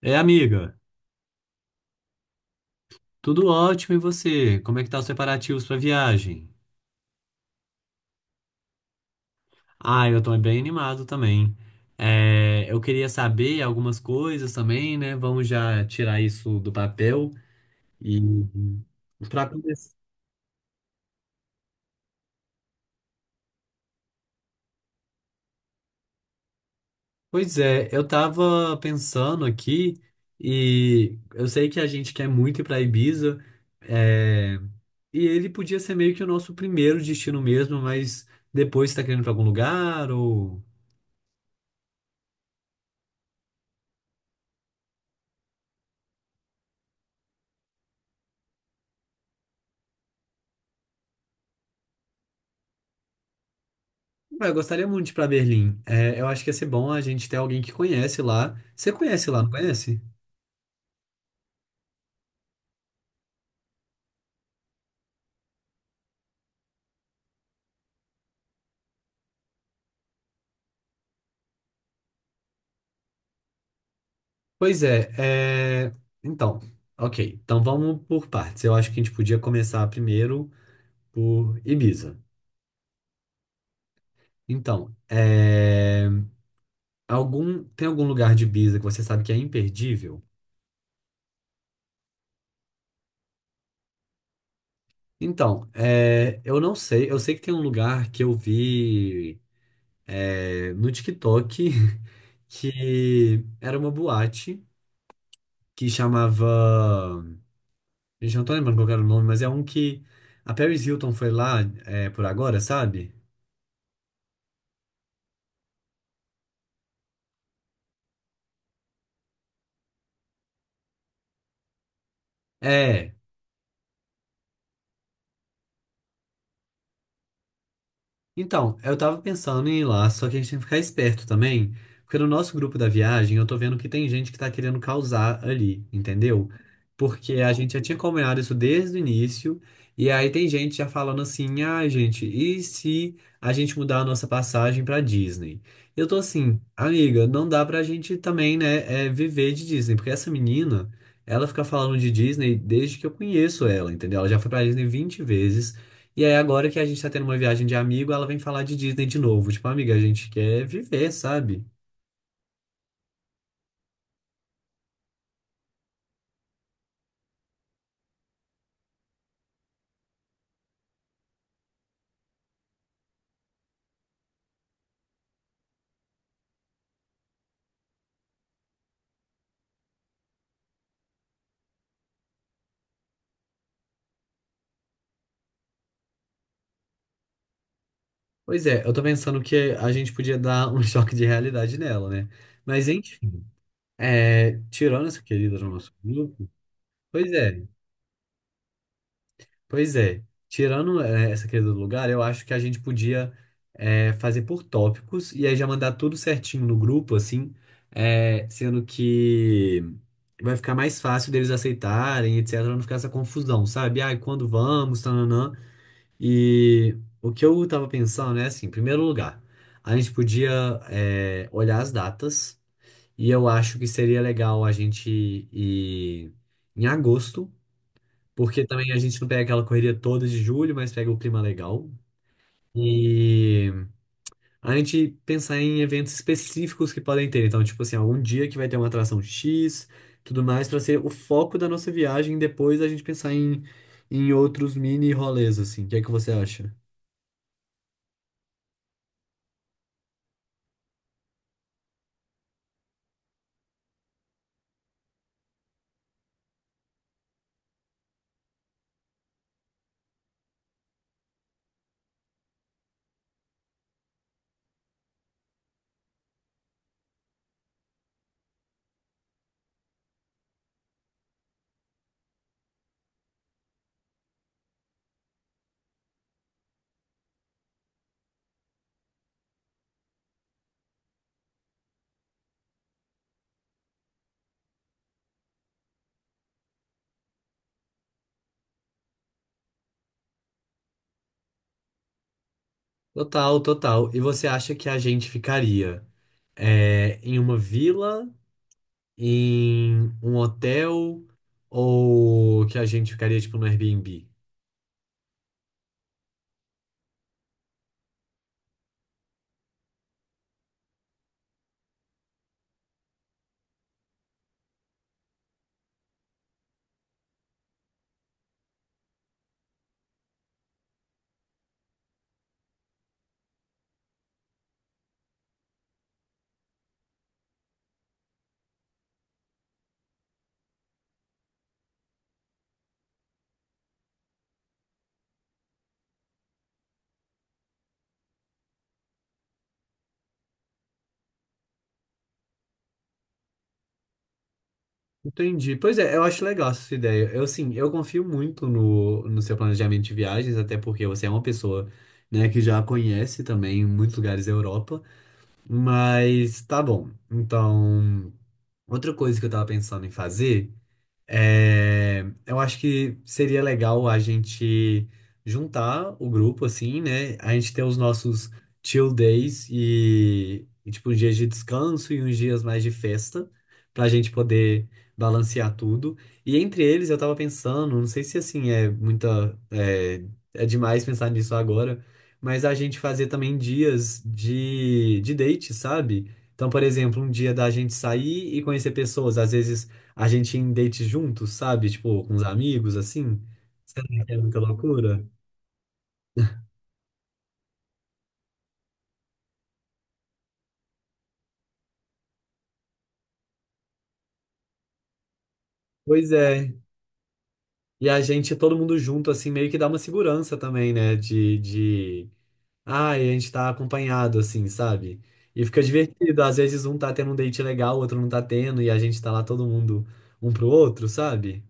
É, amiga, tudo ótimo e você? Como é que tá os preparativos pra viagem? Ah, eu tô bem animado também. É, eu queria saber algumas coisas também, né? Vamos já tirar isso do papel e para começar. Pois é, eu tava pensando aqui e eu sei que a gente quer muito ir para Ibiza, é, e ele podia ser meio que o nosso primeiro destino mesmo, mas depois você tá querendo ir pra algum lugar ou. Ah, eu gostaria muito de ir pra Berlim. É, eu acho que ia ser bom a gente ter alguém que conhece lá. Você conhece lá, não conhece? Pois é, então, ok. Então vamos por partes. Eu acho que a gente podia começar primeiro por Ibiza. Então, tem algum lugar de Ibiza que você sabe que é imperdível? Então, eu não sei. Eu sei que tem um lugar que eu vi no TikTok que era uma boate que chamava. Gente, eu não tô lembrando qual que era o nome, mas é um que a Paris Hilton foi lá por agora, sabe? É, então, eu tava pensando em ir lá, só que a gente tem que ficar esperto também, porque no nosso grupo da viagem eu tô vendo que tem gente que tá querendo causar ali, entendeu? Porque a gente já tinha combinado isso desde o início, e aí tem gente já falando assim: ah, gente, e se a gente mudar a nossa passagem pra Disney? Eu tô assim, amiga, não dá pra gente também, né, viver de Disney, porque essa menina, ela fica falando de Disney desde que eu conheço ela, entendeu? Ela já foi pra Disney 20 vezes. E aí, agora que a gente tá tendo uma viagem de amigo, ela vem falar de Disney de novo. Tipo, amiga, a gente quer viver, sabe? Pois é, eu tô pensando que a gente podia dar um choque de realidade nela, né? Mas enfim, tirando essa querida do nosso grupo, pois é. Pois é, tirando essa questão do lugar, eu acho que a gente podia fazer por tópicos e aí já mandar tudo certinho no grupo, assim, sendo que vai ficar mais fácil deles aceitarem, etc, não ficar essa confusão, sabe? Ah, quando vamos, tananã. E o que eu tava pensando é assim, em primeiro lugar, a gente podia olhar as datas e eu acho que seria legal a gente ir em agosto, porque também a gente não pega aquela correria toda de julho, mas pega o clima legal. E a gente pensar em eventos específicos que podem ter. Então, tipo assim, algum dia que vai ter uma atração X, tudo mais, para ser o foco da nossa viagem. Depois a gente pensar em outros mini rolês, assim. O que é que você acha? Total, total. E você acha que a gente ficaria em uma vila, em um hotel, ou que a gente ficaria, tipo, no Airbnb? Entendi. Pois é, eu acho legal essa ideia. Eu, assim, eu confio muito no seu planejamento de viagens, até porque você é uma pessoa, né, que já conhece também muitos lugares da Europa. Mas tá bom. Então, outra coisa que eu tava pensando em fazer. É, eu acho que seria legal a gente juntar o grupo, assim, né? A gente ter os nossos chill days e, tipo, uns dias de descanso e uns dias mais de festa, pra gente poder balancear tudo. E entre eles, eu tava pensando, não sei se, assim, é muita... é demais pensar nisso agora, mas a gente fazer também dias de date, sabe? Então, por exemplo, um dia da gente sair e conhecer pessoas, às vezes a gente ia em date juntos, sabe? Tipo, com os amigos, assim. Você não é muita loucura? Pois é. E a gente, todo mundo junto, assim, meio que dá uma segurança também, né? De... Ah, a gente tá acompanhado, assim, sabe? E fica divertido. Às vezes um tá tendo um date legal, o outro não tá tendo, e a gente tá lá todo mundo um pro outro, sabe?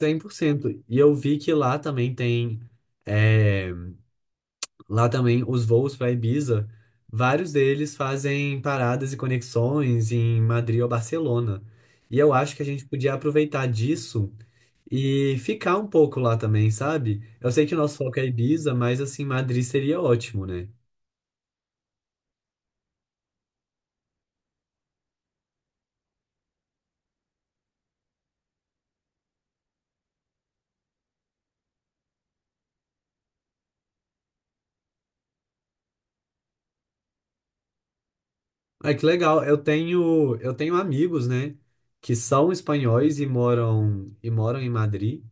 100%. E eu vi que lá também tem. eh, Lá também, os voos para Ibiza, vários deles fazem paradas e conexões em Madrid ou Barcelona. E eu acho que a gente podia aproveitar disso e ficar um pouco lá também, sabe? Eu sei que o nosso foco é Ibiza, mas assim, Madrid seria ótimo, né? Ah, que legal. Eu tenho amigos, né, que são espanhóis e moram em Madrid.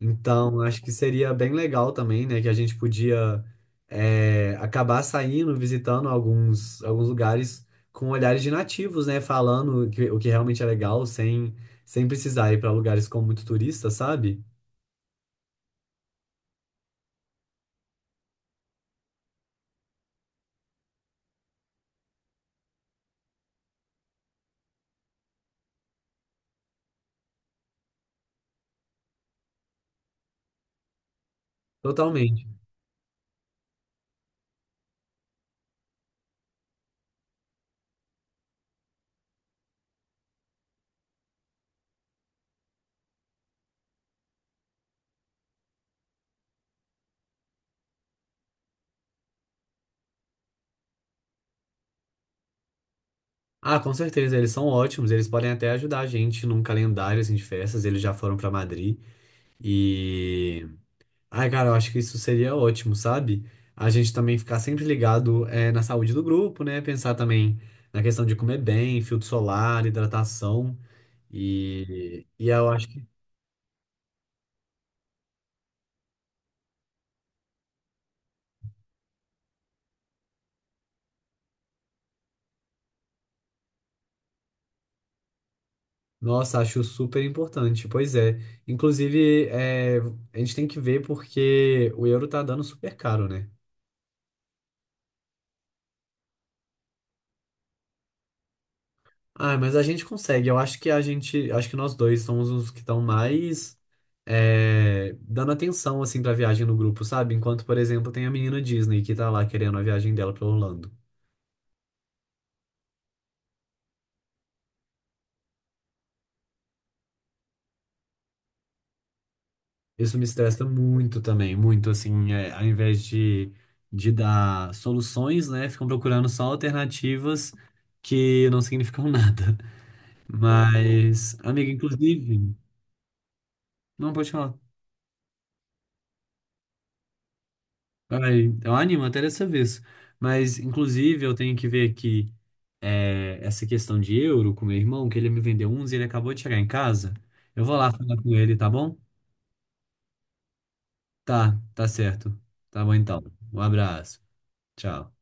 Então, acho que seria bem legal também, né, que a gente podia acabar saindo, visitando alguns lugares com olhares de nativos, né, falando o que realmente é legal, sem precisar ir para lugares com muito turista, sabe? Totalmente. Ah, com certeza, eles são ótimos. Eles podem até ajudar a gente num calendário assim, de festas. Eles já foram para Madrid e ai, cara, eu acho que isso seria ótimo, sabe? A gente também ficar sempre ligado, na saúde do grupo, né? Pensar também na questão de comer bem, filtro solar, hidratação. E, e eu acho que, Nossa, acho super importante. Pois é. Inclusive, a gente tem que ver porque o euro tá dando super caro, né? Ah, mas a gente consegue. Eu acho que a gente, acho que nós dois somos os que estão mais dando atenção assim para viagem no grupo, sabe? Enquanto, por exemplo, tem a menina Disney que tá lá querendo a viagem dela para Orlando. Isso me estressa muito também, muito assim, ao invés de dar soluções, né? Ficam procurando só alternativas que não significam nada. Mas, amiga, inclusive, não pode falar. Ai, eu animo até dessa vez. Mas, inclusive, eu tenho que ver aqui essa questão de euro com meu irmão, que ele me vendeu uns e ele acabou de chegar em casa. Eu vou lá falar com ele, tá bom? Tá, tá certo. Tá bom então. Um abraço. Tchau.